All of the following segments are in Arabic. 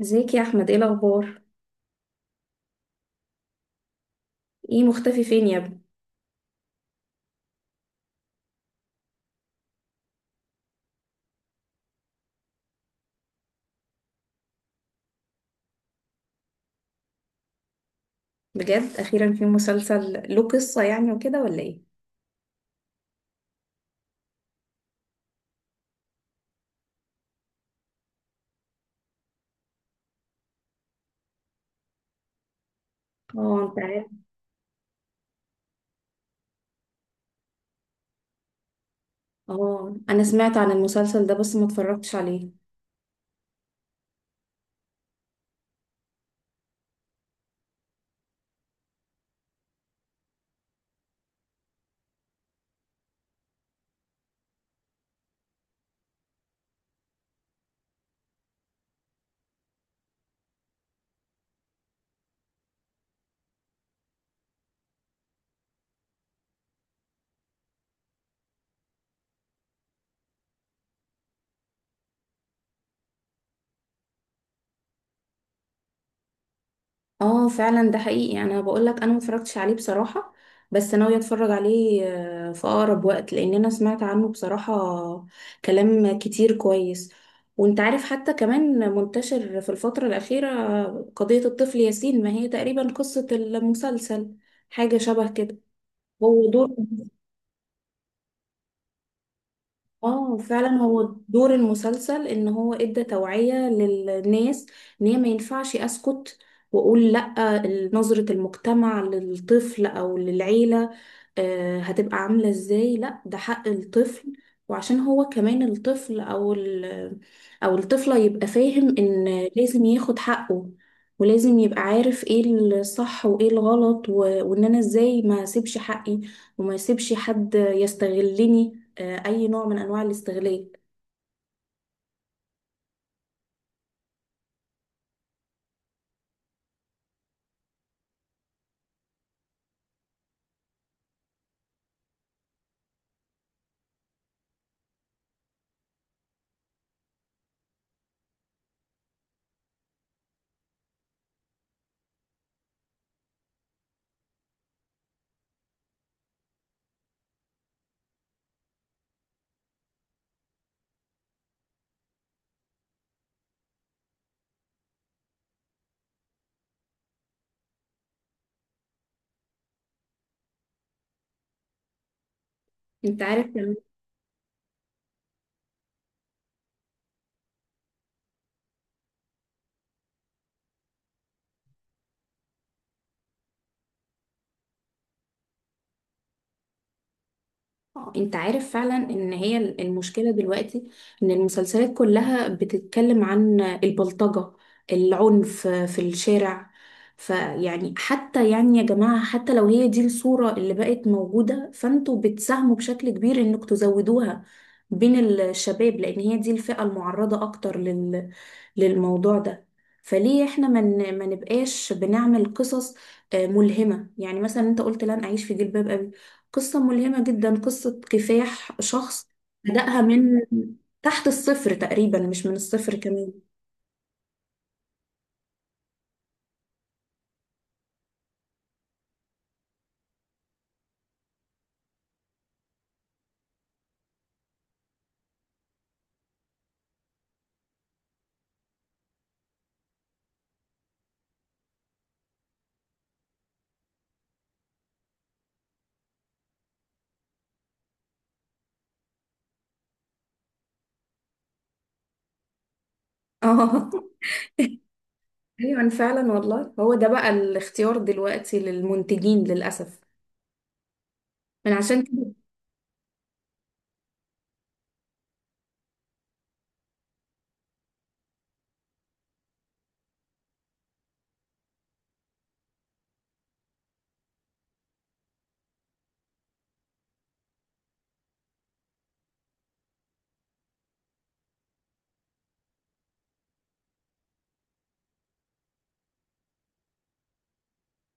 ازيك يا احمد؟ ايه الاخبار؟ ايه مختفي فين يا ابني؟ بجد اخيرا في مسلسل له قصة يعني وكده ولا ايه؟ اه انت عارف. اه انا سمعت عن المسلسل ده بس ما اتفرجتش عليه. اه فعلا ده حقيقي، يعني انا بقول لك انا ما اتفرجتش عليه بصراحة، بس ناوية اتفرج عليه في اقرب وقت، لان انا سمعت عنه بصراحة كلام كتير كويس. وانت عارف حتى كمان منتشر في الفترة الأخيرة قضية الطفل ياسين، ما هي تقريبا قصة المسلسل حاجة شبه كده. هو دور، اه فعلا هو دور المسلسل ان هو ادى توعية للناس ان هي ما ينفعش اسكت واقول لا. نظرة المجتمع للطفل او للعيلة هتبقى عاملة ازاي؟ لا ده حق الطفل. وعشان هو كمان الطفل او ال او الطفلة يبقى فاهم ان لازم ياخد حقه، ولازم يبقى عارف ايه الصح وايه الغلط. وان انا ازاي ما اسيبش حقي وما اسيبش حد يستغلني اي نوع من انواع الاستغلال. انت عارف لما انت عارف فعلا ان هي المشكلة دلوقتي ان المسلسلات كلها بتتكلم عن البلطجة، العنف في الشارع، فيعني حتى يعني يا جماعة حتى لو هي دي الصورة اللي بقت موجودة فانتوا بتساهموا بشكل كبير انك تزودوها بين الشباب، لان هي دي الفئة المعرضة اكتر للموضوع ده. فليه احنا ما نبقاش بنعمل قصص ملهمة؟ يعني مثلا انت قلت لن اعيش في جلباب، قصة ملهمة جدا، قصة كفاح شخص بدأها من تحت الصفر تقريبا، مش من الصفر كمان. اه ايوه فعلا والله، هو ده بقى الاختيار دلوقتي للمنتجين للأسف. من عشان كده،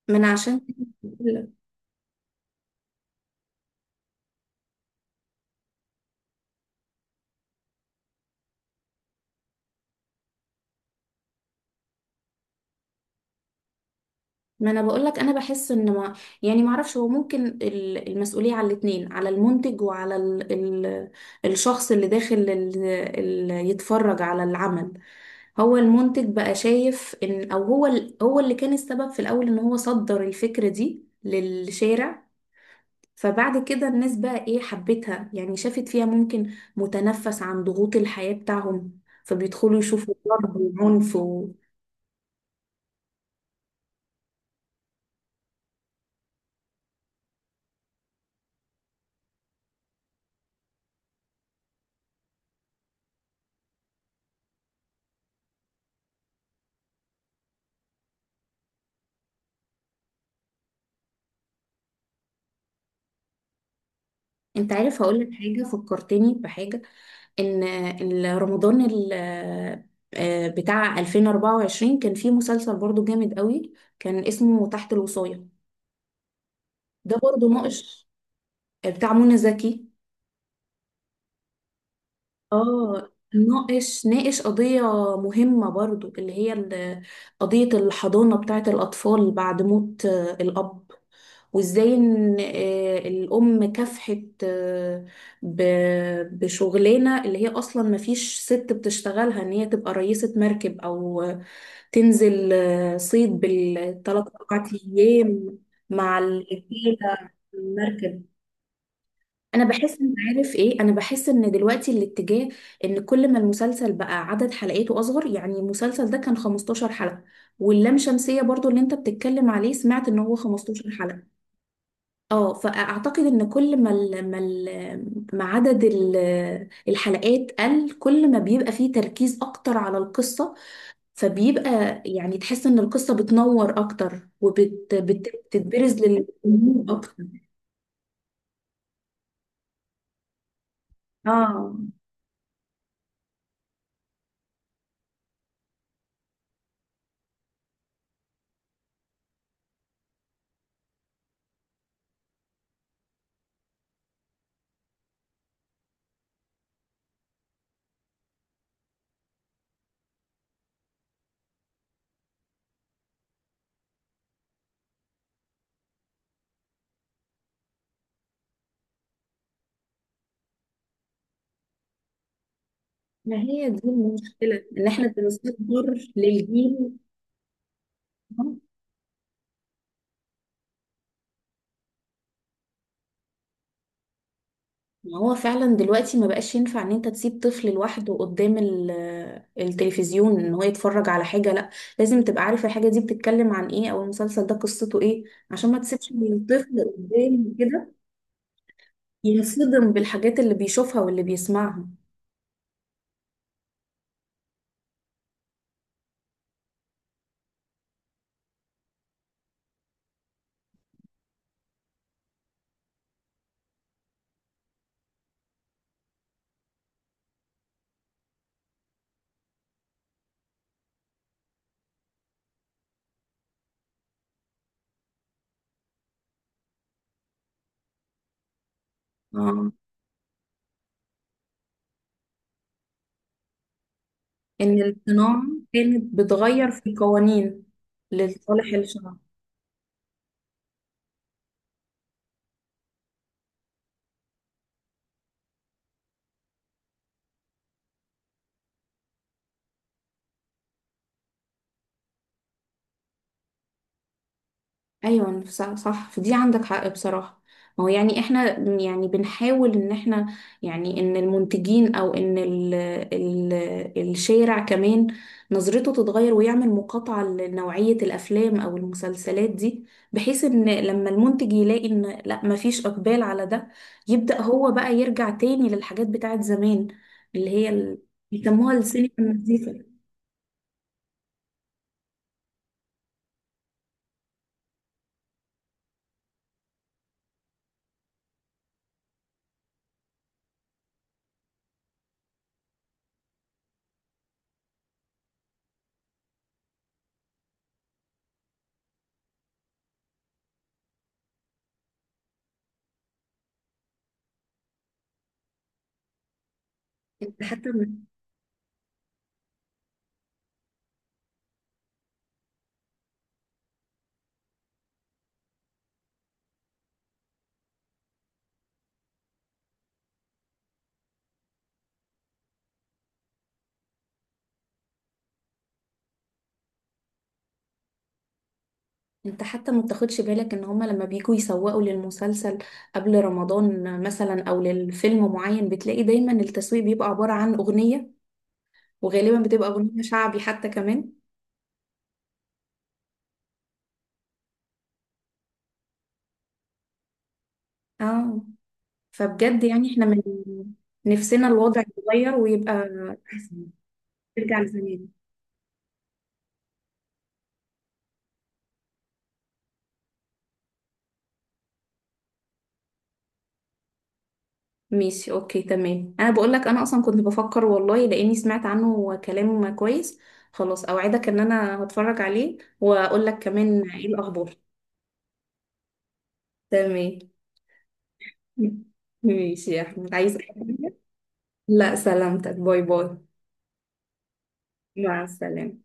من عشان كده ما انا بقول لك انا بحس ان ما، يعني ما اعرفش، هو ممكن المسؤوليه على الاثنين، على المنتج وعلى ال الشخص اللي داخل ال يتفرج على العمل. هو المنتج بقى شايف ان او هو هو اللي كان السبب في الاول ان هو صدر الفكره دي للشارع، فبعد كده الناس بقى ايه حبتها، يعني شافت فيها ممكن متنفس عن ضغوط الحياه بتاعهم فبيدخلوا يشوفوا ضرب وعنف. انت عارف، هقول لك حاجه فكرتني بحاجه، ان رمضان بتاع 2024 كان فيه مسلسل برضو جامد قوي، كان اسمه تحت الوصاية. ده برضو ناقش، بتاع منى زكي. اه ناقش قضية مهمة برضو، اللي هي قضية الحضانة بتاعت الأطفال بعد موت الأب. وإزاي إن الأم كافحت، بشغلانة اللي هي أصلا مفيش ست بتشتغلها، إن هي تبقى رئيسة مركب أو تنزل صيد بالثلاث أربع أيام مع الرجالة على المركب. أنا بحس إن، عارف إيه، أنا بحس إن دلوقتي الاتجاه إن كل ما المسلسل بقى عدد حلقاته أصغر، يعني المسلسل ده كان 15 حلقة، واللام شمسية برضو اللي أنت بتتكلم عليه سمعت إن هو 15 حلقة. اه فاعتقد ان كل ما ال ما ال ما عدد الحلقات قل كل ما بيبقى فيه تركيز اكتر على القصة، فبيبقى يعني تحس ان القصة بتنور اكتر وبتتبرز للجمهور اكتر. اه ما هي دي المشكلة ان احنا بنصدر للجيل. ما هو فعلا دلوقتي ما بقاش ينفع ان انت تسيب طفل لوحده قدام التلفزيون ان هو يتفرج على حاجة، لا لازم تبقى عارف الحاجة دي بتتكلم عن ايه او المسلسل ده قصته ايه، عشان ما تسيبش الطفل قدام كده ينصدم بالحاجات اللي بيشوفها واللي بيسمعها. اه، إن الصناعة كانت بتغير في القوانين لصالح الشعب. أيوة صح، صح، في دي عندك حق بصراحة. ما هو يعني احنا يعني بنحاول ان احنا، يعني ان المنتجين او ان ال الشارع كمان نظرته تتغير، ويعمل مقاطعة لنوعية الافلام او المسلسلات دي، بحيث ان لما المنتج يلاقي ان لا مفيش اقبال على ده يبدأ هو بقى يرجع تاني للحاجات بتاعت زمان، اللي هي بيسموها السينما النظيفة. انت حتى م- انت حتى ما بتاخدش بالك ان هما لما بيجوا يسوقوا للمسلسل قبل رمضان مثلا او للفيلم معين، بتلاقي دايما التسويق بيبقى عبارة عن اغنية، وغالبا بتبقى اغنية شعبي حتى كمان. اه فبجد يعني احنا من نفسنا الوضع يتغير ويبقى احسن، ترجع لزمان. ماشي اوكي تمام، انا بقول لك انا اصلا كنت بفكر والله لاني سمعت عنه كلام كويس. خلاص اوعدك ان انا هتفرج عليه واقول لك كمان ايه الاخبار. تمام. ماشي يا أحمد، عايز أي حاجة؟ لا سلامتك، باي باي. مع السلامة.